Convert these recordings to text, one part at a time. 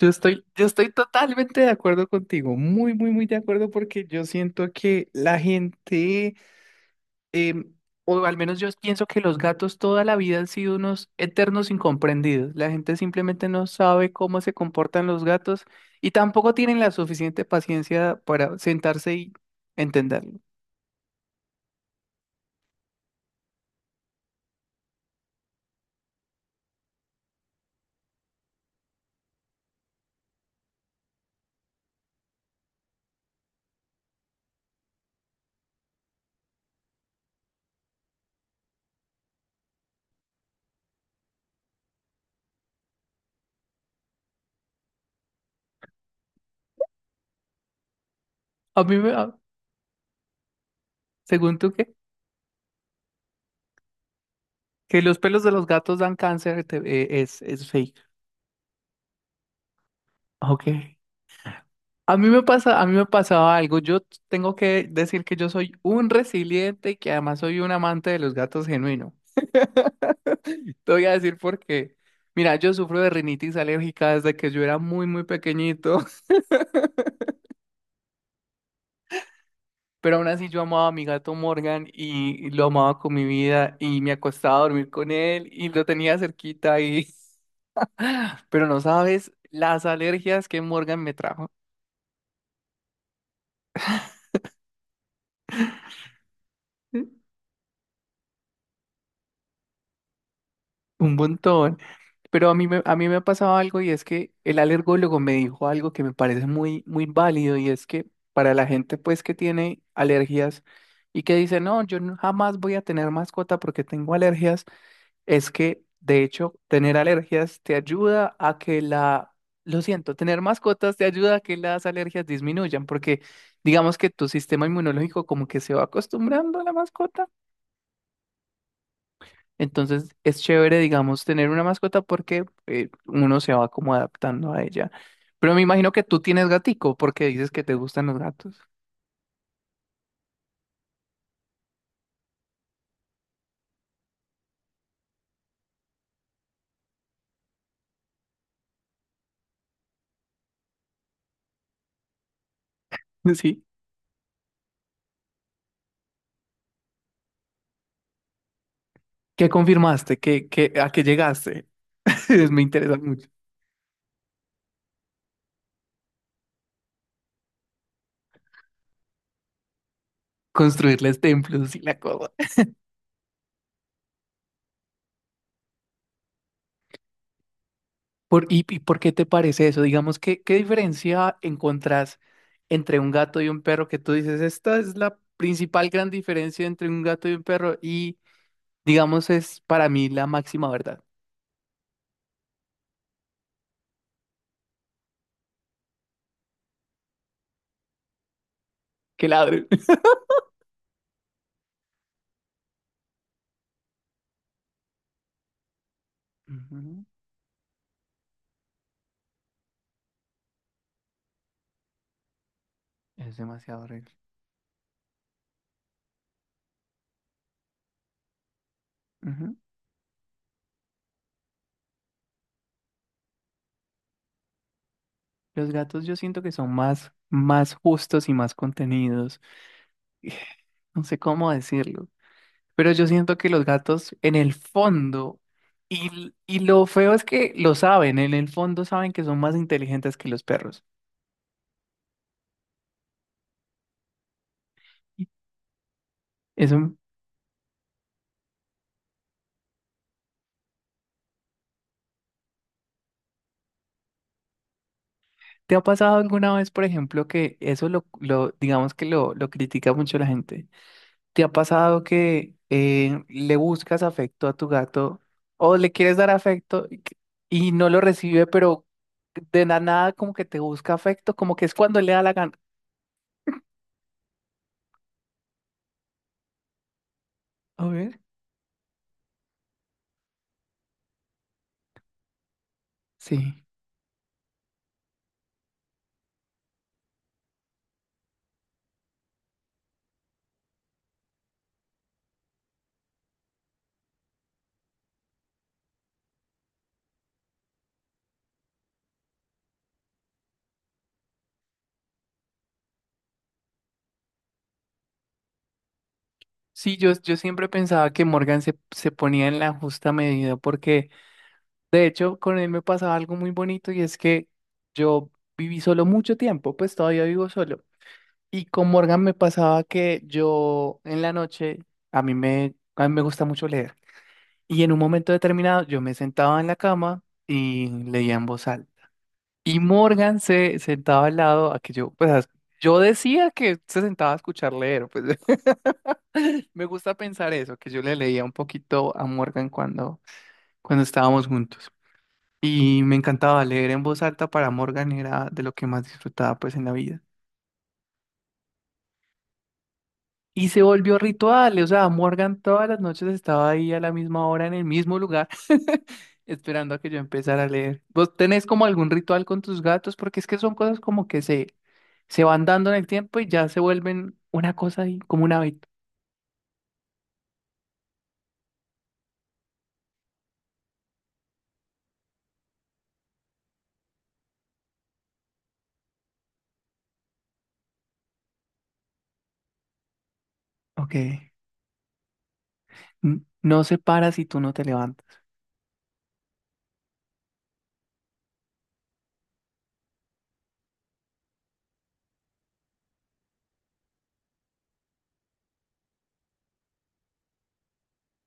Yo estoy totalmente de acuerdo contigo, muy, muy, muy de acuerdo porque yo siento que la gente, em, o al menos yo pienso que los gatos toda la vida han sido unos eternos incomprendidos. La gente simplemente no sabe cómo se comportan los gatos y tampoco tienen la suficiente paciencia para sentarse y entenderlo. A mí me, da- ¿Según tú qué? Que los pelos de los gatos dan cáncer, es fake. Ok. A mí me pasa, a mí me pasaba algo. Yo tengo que decir que yo soy un resiliente y que además soy un amante de los gatos genuino. Te voy a decir por qué. Mira, yo sufro de rinitis alérgica desde que yo era muy, muy pequeñito, pero aún así yo amaba a mi gato Morgan y lo amaba con mi vida y me acostaba a dormir con él y lo tenía cerquita y... Pero no sabes las alergias que Morgan me trajo. Un montón. Pero a mí me ha pasado algo y es que el alergólogo me dijo algo que me parece muy, muy válido y es que para la gente pues que tiene alergias y que dice, no, yo jamás voy a tener mascota porque tengo alergias, es que de hecho tener alergias te ayuda a que la, lo siento, tener mascotas te ayuda a que las alergias disminuyan porque digamos que tu sistema inmunológico como que se va acostumbrando a la mascota. Entonces es chévere, digamos, tener una mascota porque uno se va como adaptando a ella. Pero me imagino que tú tienes gatico porque dices que te gustan los gatos. Sí. ¿Qué confirmaste? ¿A qué llegaste? Me interesa mucho construirles templos y la cosa. Por, y por qué te parece eso? Digamos, ¿qué diferencia encontrás entre un gato y un perro que tú dices, esta es la principal gran diferencia entre un gato y un perro y, digamos, es para mí la máxima verdad? Que ladren. Ujú. Es demasiado horrible. Ujú. Los gatos yo siento que son más, más justos y más contenidos. No sé cómo decirlo. Pero yo siento que los gatos en el fondo, y lo feo es que lo saben, en el fondo saben que son más inteligentes que los perros. Eso, ¿te ha pasado alguna vez, por ejemplo, que eso lo digamos que lo critica mucho la gente? ¿Te ha pasado que le buscas afecto a tu gato o le quieres dar afecto y no lo recibe, pero de la nada como que te busca afecto, como que es cuando le da la gana? A ver. Sí. Sí, yo siempre pensaba que Morgan se ponía en la justa medida porque de hecho con él me pasaba algo muy bonito y es que yo viví solo mucho tiempo, pues todavía vivo solo. Y con Morgan me pasaba que yo en la noche, a mí me gusta mucho leer. Y en un momento determinado yo me sentaba en la cama y leía en voz alta. Y Morgan se sentaba al lado a que yo decía que se sentaba a escuchar leer, pues me gusta pensar eso, que yo le leía un poquito a Morgan cuando estábamos juntos. Y me encantaba leer en voz alta para Morgan, era de lo que más disfrutaba pues en la vida. Y se volvió ritual, o sea, Morgan todas las noches estaba ahí a la misma hora en el mismo lugar, esperando a que yo empezara a leer. ¿Vos tenés como algún ritual con tus gatos? Porque es que son cosas como que se van dando en el tiempo y ya se vuelven una cosa ahí, como un hábito. Ok. No se para si tú no te levantas.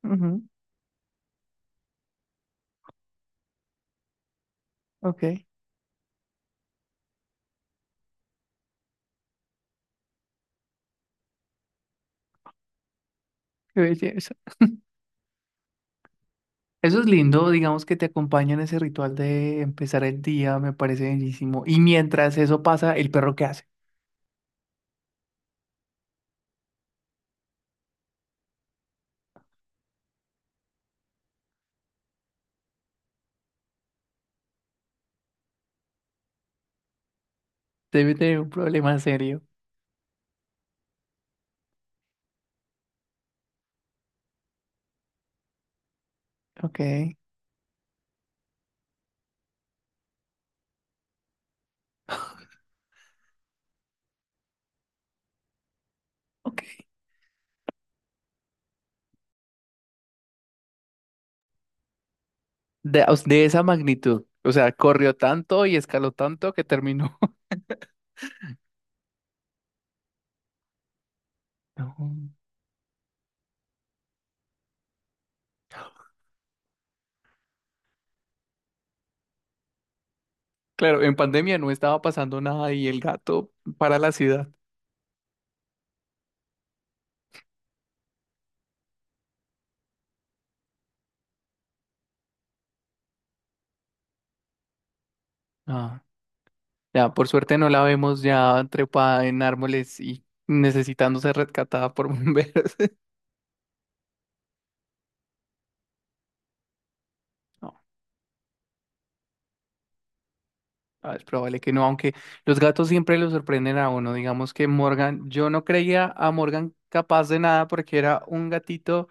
Ujú. Ok, qué belleza. Eso es lindo, digamos que te acompaña en ese ritual de empezar el día, me parece bellísimo. Y mientras eso pasa, ¿el perro qué hace? Debe tener un problema serio. Ok, ok. De, o de esa magnitud. O sea, corrió tanto y escaló tanto que terminó. No. Claro, en pandemia no estaba pasando nada y el gato para la ciudad. Ah, ya, por suerte no la vemos ya trepada en árboles y necesitando ser rescatada por bomberos. No, ah, es probable que no, aunque los gatos siempre lo sorprenden a uno. Digamos que Morgan, yo no creía a Morgan capaz de nada porque era un gatito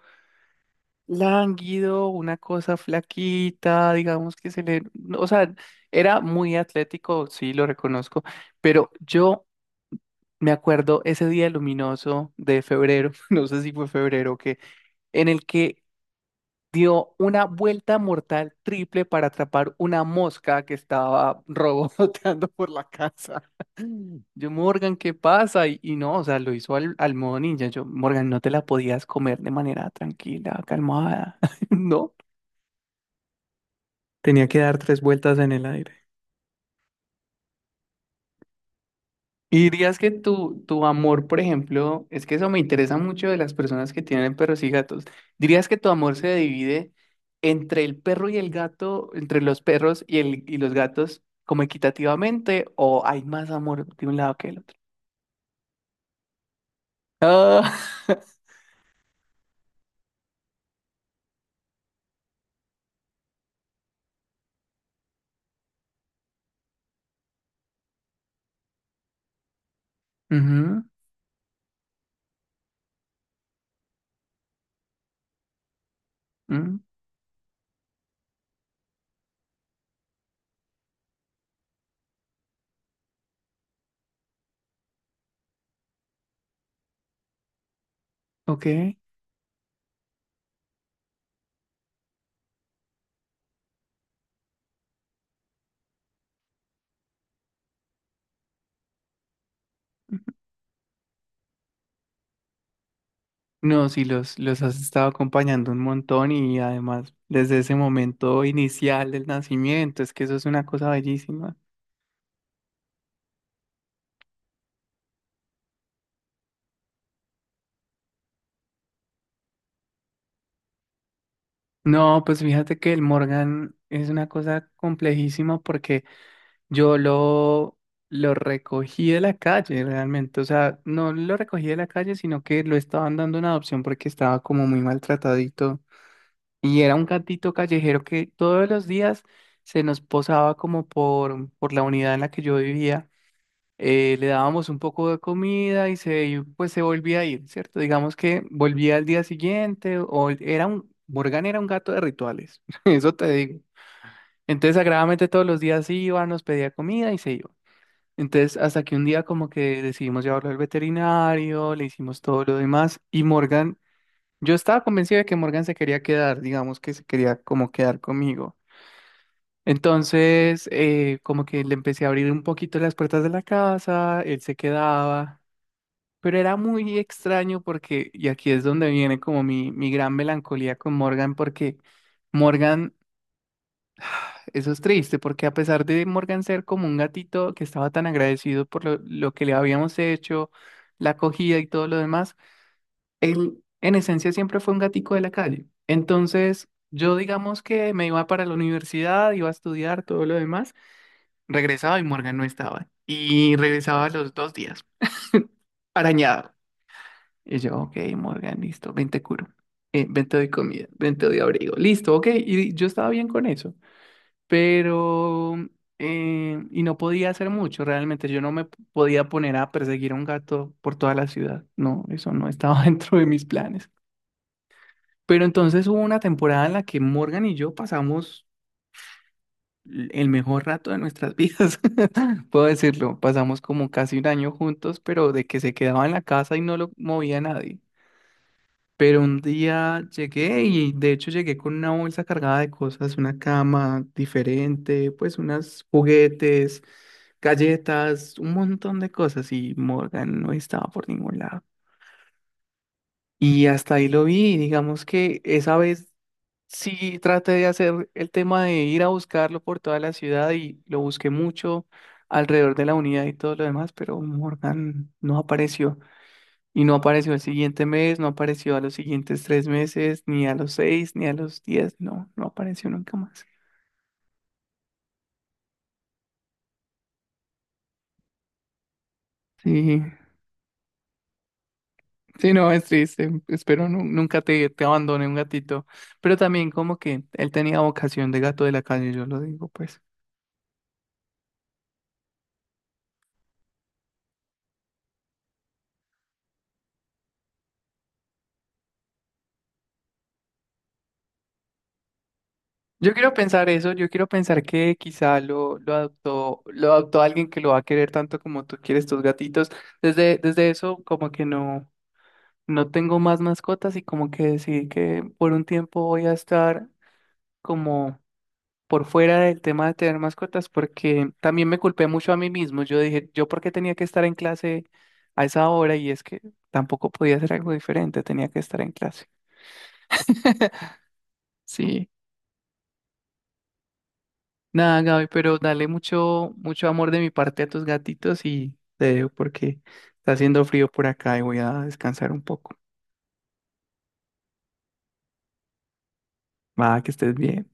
lánguido, una cosa flaquita, digamos que se le, no, o sea, era muy atlético, sí, lo reconozco, pero yo me acuerdo ese día luminoso de febrero, no sé si fue febrero o qué, en el que dio una vuelta mortal triple para atrapar una mosca que estaba revoloteando por la casa. Yo, Morgan, ¿qué pasa? Y no, o sea, lo hizo al modo ninja. Yo, Morgan, no te la podías comer de manera tranquila, calmada, ¿no? Tenía que dar tres vueltas en el aire. Y dirías que tu amor, por ejemplo, es que eso me interesa mucho de las personas que tienen perros y gatos. ¿Dirías que tu amor se divide entre el perro y el gato, entre los perros y los gatos, como equitativamente, o hay más amor de un lado que del otro? Ah, ujú, mm, ok. No, sí, los has estado acompañando un montón y además desde ese momento inicial del nacimiento, es que eso es una cosa bellísima. No, pues fíjate que el Morgan es una cosa complejísima porque yo lo recogí de la calle realmente. O sea, no lo recogí de la calle, sino que lo estaban dando una adopción porque estaba como muy maltratadito. Y era un gatito callejero que todos los días se nos posaba como por la unidad en la que yo vivía le dábamos un poco de comida y se, pues se volvía a ir, ¿cierto? Digamos que volvía al día siguiente o Morgan era un gato de rituales, eso te digo. Entonces, sagradamente todos los días iba, nos pedía comida y se iba. Entonces, hasta que un día como que decidimos llevarlo al veterinario, le hicimos todo lo demás y Morgan, yo estaba convencido de que Morgan se quería quedar, digamos que se quería como quedar conmigo. Entonces, como que le empecé a abrir un poquito las puertas de la casa, él se quedaba, pero era muy extraño porque, y aquí es donde viene como mi gran melancolía con Morgan, porque Morgan, eso es triste, porque a pesar de Morgan ser como un gatito que estaba tan agradecido por lo que le habíamos hecho, la acogida y todo lo demás, él en esencia siempre fue un gatico de la calle. Entonces, yo digamos que me iba para la universidad, iba a estudiar, todo lo demás, regresaba y Morgan no estaba. Y regresaba a los dos días, arañado. Y yo, ok, Morgan, listo, ven te curo. Ven te doy comida, ven te doy abrigo. Listo, ok. Y yo estaba bien con eso. Pero, y no podía hacer mucho, realmente. Yo no me podía poner a perseguir a un gato por toda la ciudad. No, eso no estaba dentro de mis planes. Pero entonces hubo una temporada en la que Morgan y yo pasamos el mejor rato de nuestras vidas. Puedo decirlo, pasamos como casi un año juntos, pero de que se quedaba en la casa y no lo movía nadie. Pero un día llegué y de hecho llegué con una bolsa cargada de cosas, una cama diferente, pues unos juguetes, galletas, un montón de cosas y Morgan no estaba por ningún lado. Y hasta ahí lo vi, y digamos que esa vez sí traté de hacer el tema de ir a buscarlo por toda la ciudad y lo busqué mucho alrededor de la unidad y todo lo demás, pero Morgan no apareció. Y no apareció el siguiente mes, no apareció a los siguientes tres meses, ni a los seis, ni a los diez, no, no apareció nunca más. Sí, sí, no, es triste. Espero nunca te, te abandone un gatito. Pero también como que él tenía vocación de gato de la calle, yo lo digo, pues. Yo quiero pensar eso, yo quiero pensar que quizá lo adoptó alguien que lo va a querer tanto como tú quieres tus gatitos. Desde eso, como que no tengo más mascotas y como que decidí que por un tiempo voy a estar como por fuera del tema de tener mascotas, porque también me culpé mucho a mí mismo. Yo dije, ¿yo por qué tenía que estar en clase a esa hora? Y es que tampoco podía hacer algo diferente, tenía que estar en clase. Sí, nada, Gaby, pero dale mucho, mucho amor de mi parte a tus gatitos y te dejo porque está haciendo frío por acá y voy a descansar un poco. Va, que estés bien.